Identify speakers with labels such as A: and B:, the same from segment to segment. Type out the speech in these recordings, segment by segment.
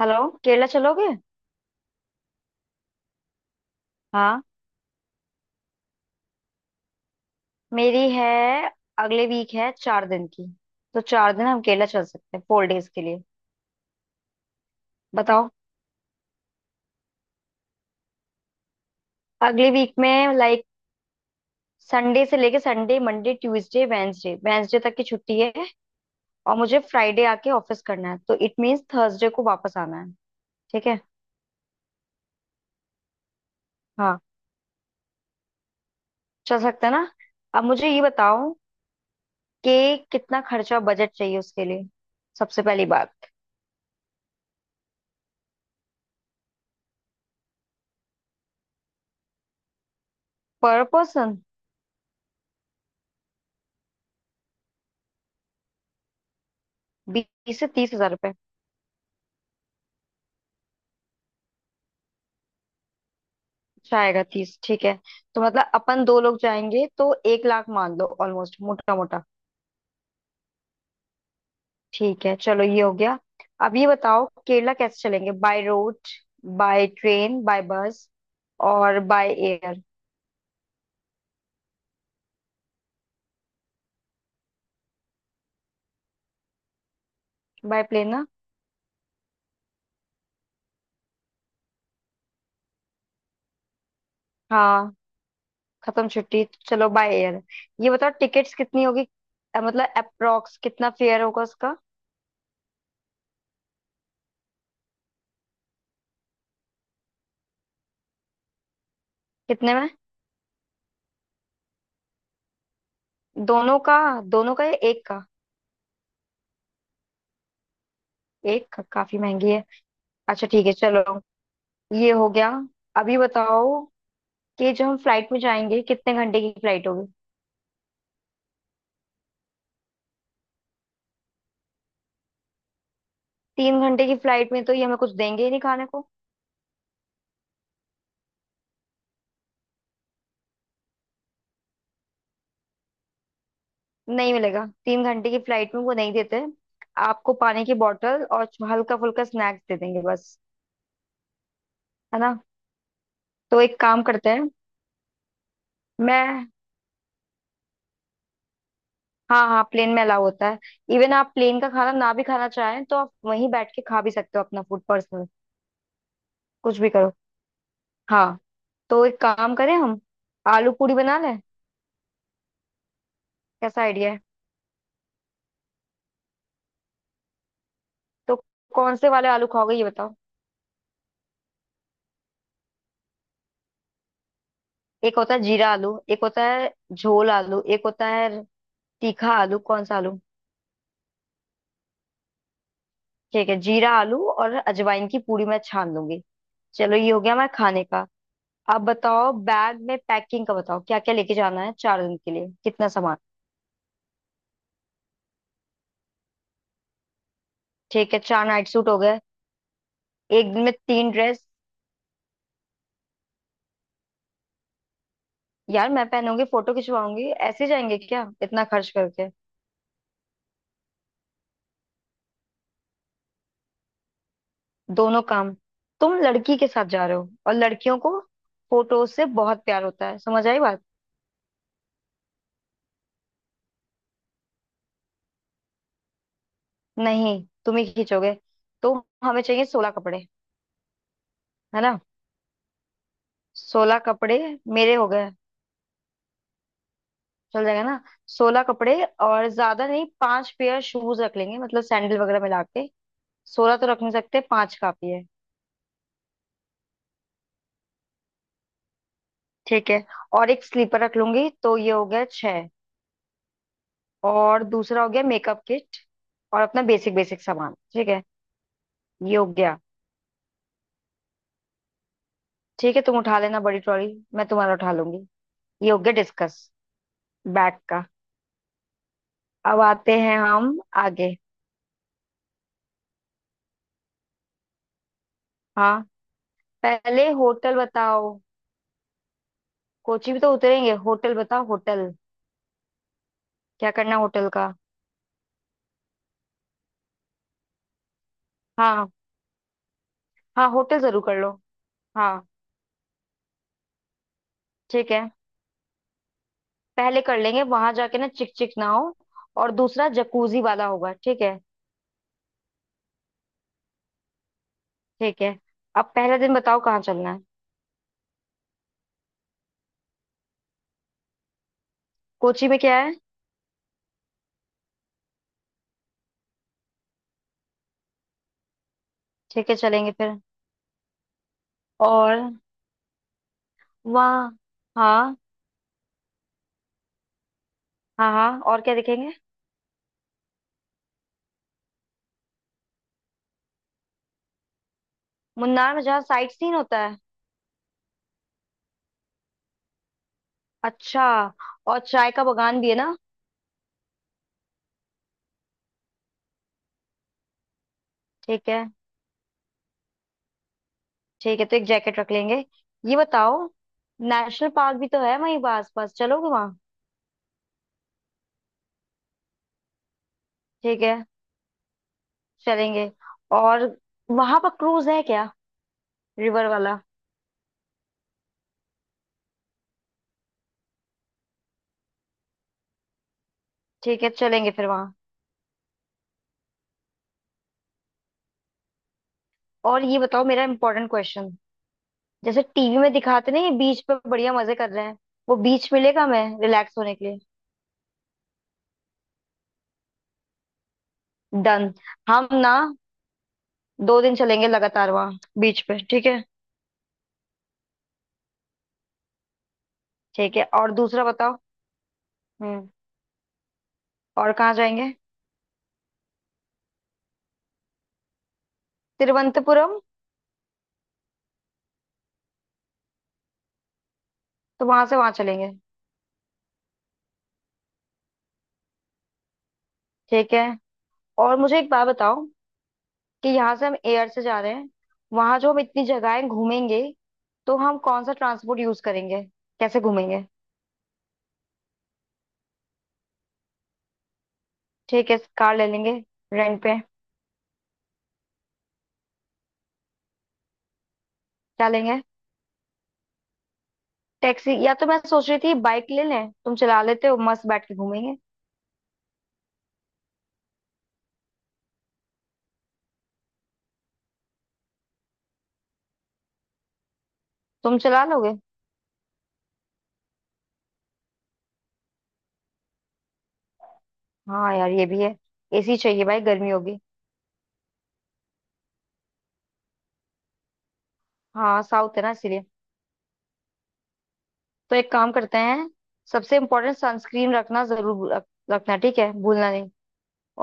A: Hello. Kerala चलोगे? हाँ, मेरी है। अगले वीक है, 4 दिन की। तो 4 दिन हम केरला चल सकते हैं 4 डेज के लिए। बताओ। अगले वीक में लाइक संडे से लेके Sunday, Monday, Tuesday, Wednesday Wednesday तक की छुट्टी है। और मुझे फ्राइडे आके ऑफिस करना है, तो इट मीन्स थर्सडे को वापस आना है। ठीक है। हाँ, चल सकते हैं ना। अब मुझे ये बताओ कि कितना खर्चा बजट चाहिए उसके लिए। सबसे पहली बात। पर पर्सन। 20 से 30 हजार। जाएगा 30, ठीक है। तो मतलब अपन दो लोग जाएंगे तो 1 लाख मान लो, ऑलमोस्ट मोटा मोटा। ठीक है, चलो, ये हो गया। अब ये बताओ केरला कैसे चलेंगे? By road, by train, by bus और बाय एयर। बाय प्लेन ना? हाँ। खत्म छुट्टी। चलो बाय एयर। ये बताओ टिकट्स कितनी होगी। मतलब अप्रोक्स कितना फेयर होगा उसका। कितने में? दोनों का? दोनों का या एक का? एक का काफी महंगी है। अच्छा, ठीक है, चलो, ये हो गया। अभी बताओ कि जो हम फ्लाइट में जाएंगे कितने घंटे की फ्लाइट होगी। 3 घंटे की फ्लाइट में तो ये हमें कुछ देंगे ही नहीं खाने को। नहीं मिलेगा 3 घंटे की फ्लाइट में, वो नहीं देते। आपको पानी की बोतल और हल्का फुल्का स्नैक्स दे देंगे बस। है ना? तो एक काम करते हैं। मैं हाँ हाँ, प्लेन में अलाउ होता है। इवन आप प्लेन का खाना ना भी खाना चाहें तो आप वहीं बैठ के खा भी सकते हो अपना फूड पर्सनल। कुछ भी करो। हाँ। तो एक काम करें हम, आलू पूरी बना लें। कैसा आइडिया है? तो कौन से वाले आलू खाओगे ये बताओ। एक होता है जीरा आलू, एक होता है झोल आलू, एक होता है तीखा आलू। कौन सा आलू? ठीक है, जीरा आलू और अजवाइन की पूरी मैं छान लूंगी। चलो ये हो गया हमारे खाने का। अब बताओ बैग में पैकिंग का, बताओ क्या क्या लेके जाना है 4 दिन के लिए, कितना सामान। ठीक है, चार नाइट सूट हो गए। एक दिन में तीन ड्रेस। यार मैं पहनूंगी, फोटो खिंचवाऊंगी, ऐसे जाएंगे क्या इतना खर्च करके। दोनों काम। तुम लड़की के साथ जा रहे हो और लड़कियों को फोटो से बहुत प्यार होता है, समझ आई बात। नहीं, तुम ही खींचोगे। तो हमें चाहिए 16 कपड़े, है ना, 16 कपड़े। मेरे हो गए। चल जाएगा ना। 16 कपड़े और ज्यादा नहीं, पांच पेयर शूज रख लेंगे, मतलब सैंडल वगैरह मिला के। सोलह तो रख नहीं सकते, पांच काफी है। ठीक है। और एक स्लीपर रख लूंगी तो ये हो गया छह। और दूसरा हो गया मेकअप किट और अपना बेसिक बेसिक सामान, ठीक है। ये हो गया। ठीक है, तुम उठा लेना बड़ी ट्रॉली, मैं तुम्हारा उठा लूंगी। ये हो गया डिस्कस बैग का। अब आते हैं हम आगे। हाँ। पहले होटल बताओ। कोची भी तो उतरेंगे, होटल बताओ होटल। क्या करना है होटल का? हाँ। हाँ, होटल जरूर कर लो। हाँ। ठीक है, पहले कर लेंगे, वहां जाके ना चिक चिक ना हो। और दूसरा जकूजी वाला होगा, ठीक है। ठीक है। अब पहला दिन बताओ, कहाँ चलना है। कोची में क्या है? ठीक है, चलेंगे फिर। और वहाँ हाँ हाँ हाँ, और क्या देखेंगे? मुन्नार में जहाँ साइट सीन होता है। अच्छा। और चाय का बगान भी है ना? ठीक है। ठीक है, तो एक जैकेट रख लेंगे। ये बताओ, नेशनल पार्क भी तो है वहीं, पास पास चलोगे वहां? ठीक है, चलेंगे। और वहां पर क्रूज है क्या, रिवर वाला? ठीक है, चलेंगे फिर वहां। और ये बताओ, मेरा इंपॉर्टेंट क्वेश्चन, जैसे टीवी में दिखाते नहीं, बीच पर बढ़िया मजे कर रहे हैं, वो बीच मिलेगा हमें रिलैक्स होने के लिए? डन। हम ना 2 दिन चलेंगे लगातार वहां बीच पे, ठीक है। ठीक है, और दूसरा बताओ। हम्म। और कहाँ जाएंगे? तिरुवनंतपुरम। तो वहां से वहां चलेंगे। ठीक है। और मुझे एक बात बताओ कि यहाँ से हम एयर से जा रहे हैं, वहां जो हम इतनी जगहें घूमेंगे, तो हम कौन सा ट्रांसपोर्ट यूज करेंगे, कैसे घूमेंगे? ठीक है, कार ले लेंगे। रेंट पे। क्या लेंगे? टैक्सी, या तो मैं सोच रही थी बाइक ले लें, तुम चला लेते हो, मस्त बैठ के घूमेंगे। तुम चला लोगे? हाँ यार, ये भी है। एसी चाहिए भाई, गर्मी होगी। हाँ, साउथ है ना, इसीलिए। तो एक काम करते हैं। सबसे इम्पोर्टेंट सनस्क्रीन रखना, जरूर रखना, ठीक है, भूलना।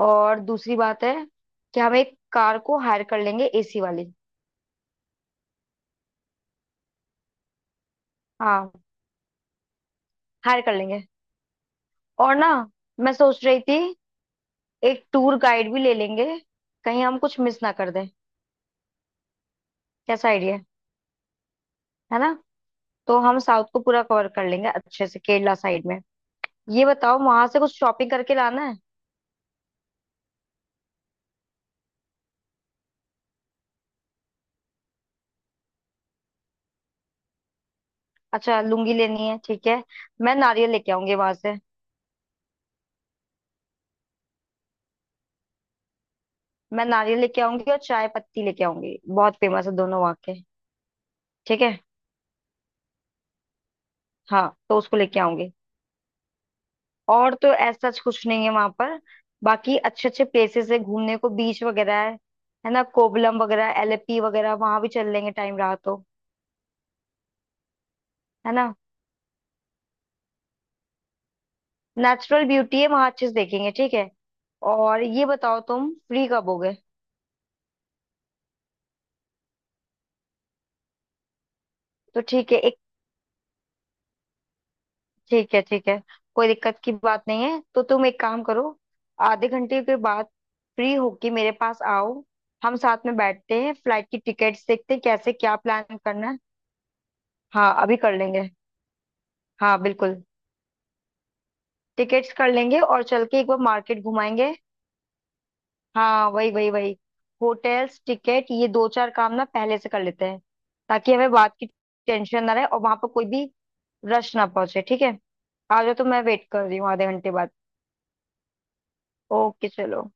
A: और दूसरी बात है कि हम एक कार को हायर कर लेंगे, एसी वाली। हाँ, हायर कर लेंगे। और ना, मैं सोच रही थी, एक टूर गाइड भी ले लेंगे, कहीं हम कुछ मिस ना कर दें। कैसा आइडिया है? है ना? तो हम साउथ को पूरा कवर कर लेंगे अच्छे से, केरला साइड में। ये बताओ, वहां से कुछ शॉपिंग करके लाना है? अच्छा, लुंगी लेनी है, ठीक है। मैं नारियल लेके आऊंगी वहां से। मैं नारियल लेके आऊंगी और चाय पत्ती लेके आऊंगी, बहुत फेमस है दोनों वहां के। ठीक है। हाँ, तो उसको लेके आऊंगी। और तो ऐसा कुछ नहीं है वहां पर, बाकी अच्छे अच्छे प्लेसेस है घूमने को, बीच वगैरह है ना, कोवलम वगैरह, एलेपी वगैरह वहां भी चल लेंगे टाइम रहा तो। है ना, नेचुरल ब्यूटी है वहां, अच्छे से देखेंगे, ठीक है। और ये बताओ तुम फ्री कब होगे? तो ठीक है एक। ठीक है, ठीक है, कोई दिक्कत की बात नहीं है तो तुम एक काम करो, आधे घंटे के बाद फ्री होके मेरे पास आओ। हम साथ में बैठते हैं, फ्लाइट की टिकट्स देखते हैं कैसे क्या प्लान करना है। हाँ, अभी कर लेंगे। हाँ बिल्कुल, टिकट्स कर लेंगे और चल के एक बार मार्केट घुमाएंगे। हाँ वही वही वही, होटल्स टिकट ये दो चार काम ना पहले से कर लेते हैं, ताकि हमें बात की टेंशन ना रहे, और वहां पर कोई भी रश ना पहुंचे, ठीक है। आ जाओ, तो मैं वेट कर रही हूँ आधे घंटे बाद। ओके, चलो।